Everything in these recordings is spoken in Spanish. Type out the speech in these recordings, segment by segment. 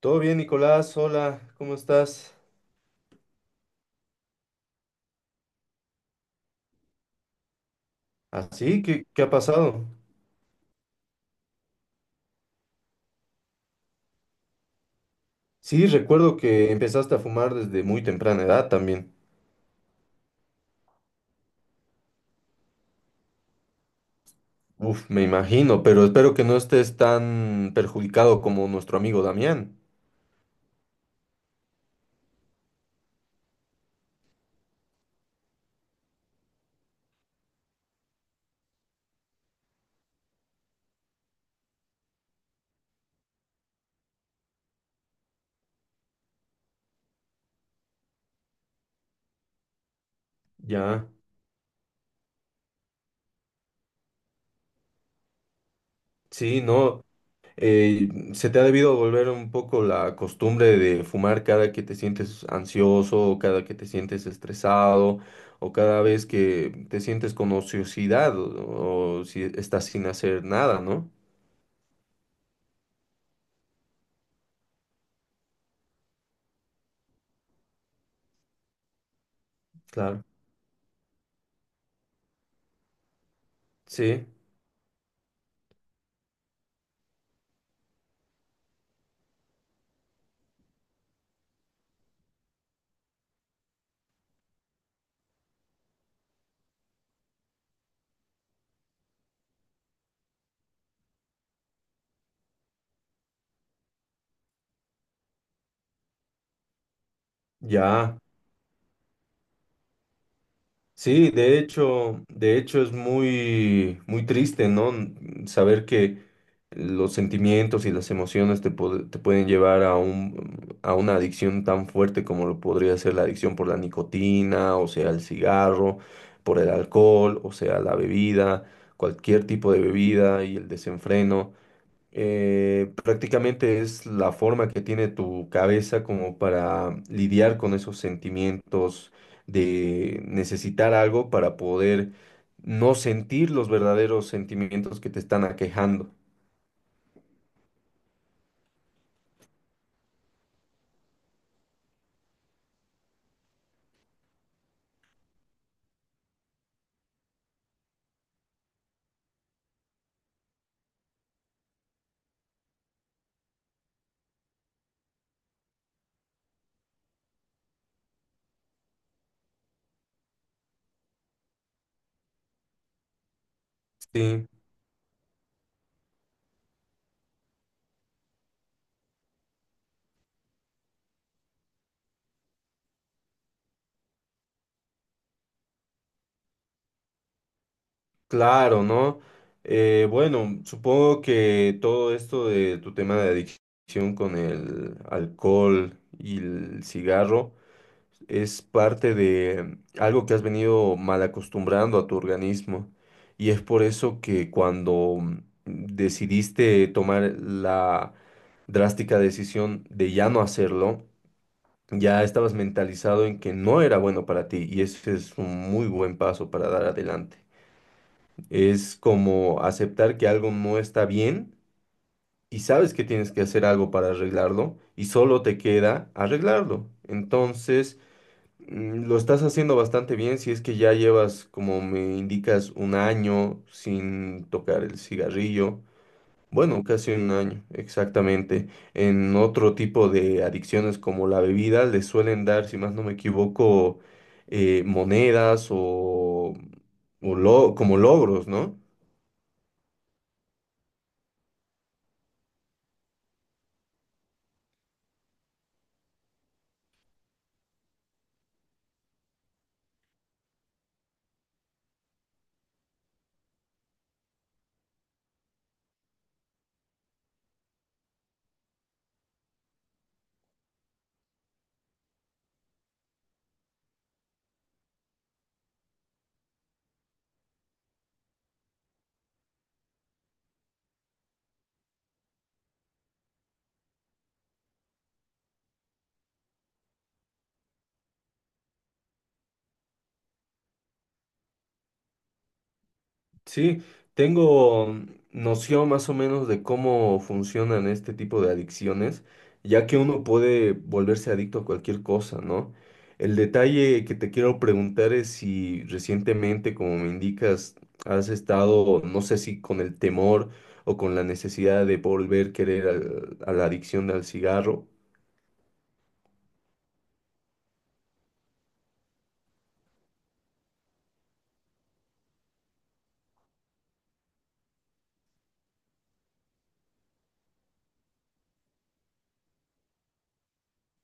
Todo bien, Nicolás. Hola, ¿cómo estás? ¿Así? ¿Qué ha pasado? Sí, recuerdo que empezaste a fumar desde muy temprana edad también. Uf, me imagino, pero espero que no estés tan perjudicado como nuestro amigo Damián. Ya. Sí, no. eh, Se te ha debido volver un poco la costumbre de fumar cada que te sientes ansioso, o cada que te sientes estresado, o cada vez que te sientes con ociosidad, o si estás sin hacer nada, ¿no? Claro. Sí, ya. Sí, de hecho es muy, muy triste, ¿no? Saber que los sentimientos y las emociones te, te pueden llevar a un, a una adicción tan fuerte como lo podría ser la adicción por la nicotina, o sea, el cigarro, por el alcohol, o sea, la bebida, cualquier tipo de bebida y el desenfreno. Prácticamente es la forma que tiene tu cabeza como para lidiar con esos sentimientos de necesitar algo para poder no sentir los verdaderos sentimientos que te están aquejando. Sí, claro, ¿no? Bueno, supongo que todo esto de tu tema de adicción con el alcohol y el cigarro es parte de algo que has venido mal acostumbrando a tu organismo. Y es por eso que cuando decidiste tomar la drástica decisión de ya no hacerlo, ya estabas mentalizado en que no era bueno para ti. Y ese es un muy buen paso para dar adelante. Es como aceptar que algo no está bien y sabes que tienes que hacer algo para arreglarlo y solo te queda arreglarlo. Entonces... Lo estás haciendo bastante bien si es que ya llevas, como me indicas, un año sin tocar el cigarrillo. Bueno, casi un año, exactamente. En otro tipo de adicciones como la bebida, les suelen dar, si más no me equivoco, monedas o como logros, ¿no? Sí, tengo noción más o menos de cómo funcionan este tipo de adicciones, ya que uno puede volverse adicto a cualquier cosa, ¿no? El detalle que te quiero preguntar es si recientemente, como me indicas, has estado, no sé si con el temor o con la necesidad de volver a querer a la adicción al cigarro.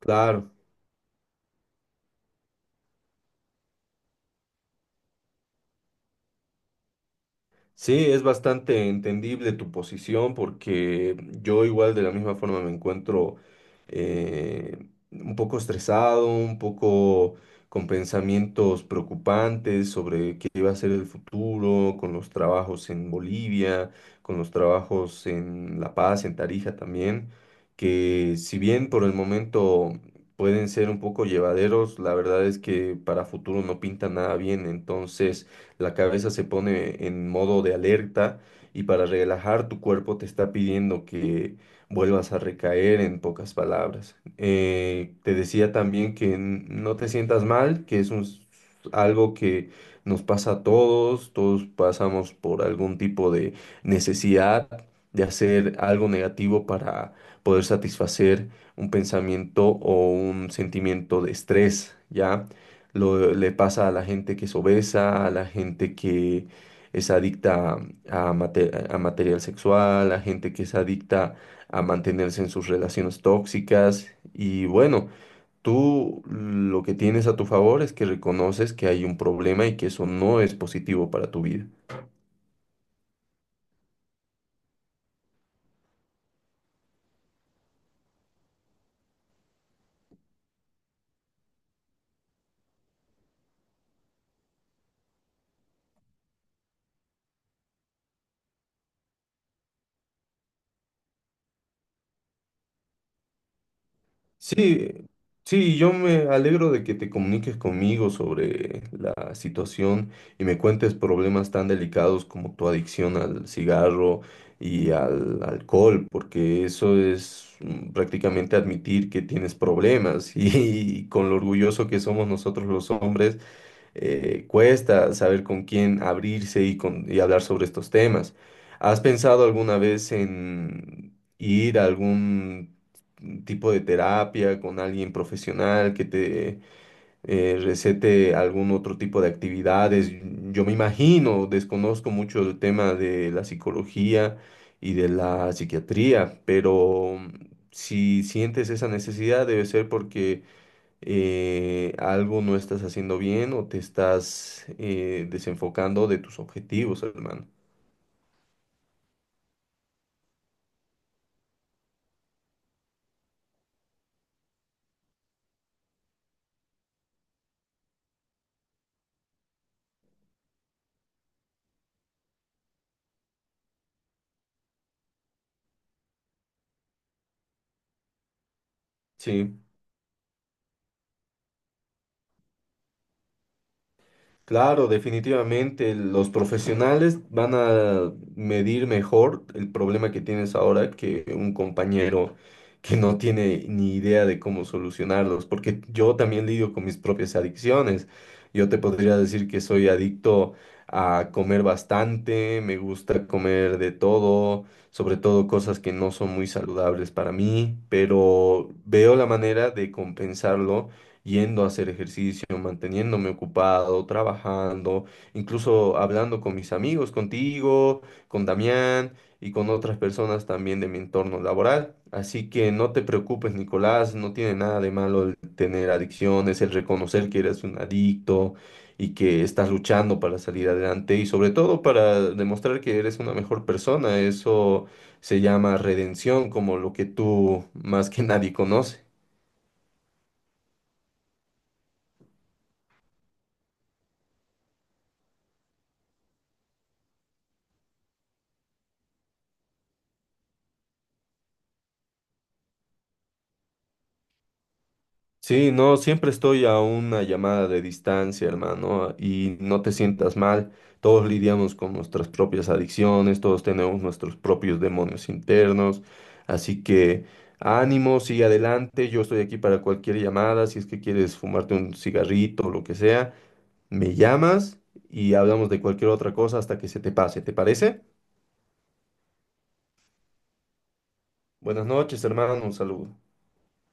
Claro. Sí, es bastante entendible tu posición porque yo igual de la misma forma me encuentro eh, un poco estresado, un poco con pensamientos preocupantes sobre qué va a ser el futuro, con los trabajos en Bolivia, con los trabajos en La Paz, en Tarija también, que si bien por el momento pueden ser un poco llevaderos, la verdad es que para futuro no pinta nada bien, entonces la cabeza se pone en modo de alerta y para relajar tu cuerpo te está pidiendo que vuelvas a recaer en pocas palabras. Te decía también que no te sientas mal, que es un algo que nos pasa a todos, todos pasamos por algún tipo de necesidad de hacer algo negativo para poder satisfacer un pensamiento o un sentimiento de estrés, ¿ya? Le pasa a la gente que es obesa, a la gente que es adicta a, a material sexual, a gente que es adicta a mantenerse en sus relaciones tóxicas. Y bueno, tú lo que tienes a tu favor es que reconoces que hay un problema y que eso no es positivo para tu vida. Sí, sí, yo me alegro de que te comuniques conmigo sobre la situación y me cuentes problemas tan delicados como tu adicción al cigarro y al alcohol, porque eso es prácticamente admitir que tienes problemas y, con lo orgulloso que somos nosotros los hombres cuesta saber con quién abrirse y, y hablar sobre estos temas. ¿Has pensado alguna vez en ir a algún tipo de terapia con alguien profesional que te recete algún otro tipo de actividades? Yo me imagino, desconozco mucho el tema de la psicología y de la psiquiatría, pero si sientes esa necesidad debe ser porque algo no estás haciendo bien o te estás desenfocando de tus objetivos, hermano. Sí. Claro, definitivamente los profesionales van a medir mejor el problema que tienes ahora que un compañero que no tiene ni idea de cómo solucionarlos, porque yo también lidio con mis propias adicciones. Yo te podría decir que soy adicto a comer bastante, me gusta comer de todo, sobre todo cosas que no son muy saludables para mí, pero veo la manera de compensarlo yendo a hacer ejercicio, manteniéndome ocupado, trabajando, incluso hablando con mis amigos, contigo, con Damián y con otras personas también de mi entorno laboral. Así que no te preocupes, Nicolás, no tiene nada de malo el tener adicciones, el reconocer que eres un adicto y que estás luchando para salir adelante y sobre todo para demostrar que eres una mejor persona. Eso se llama redención, como lo que tú más que nadie conoces. Sí, no, siempre estoy a una llamada de distancia, hermano, y no te sientas mal. Todos lidiamos con nuestras propias adicciones, todos tenemos nuestros propios demonios internos, así que ánimo, sigue adelante. Yo estoy aquí para cualquier llamada, si es que quieres fumarte un cigarrito o lo que sea, me llamas y hablamos de cualquier otra cosa hasta que se te pase, ¿te parece? Buenas noches, hermano, un saludo.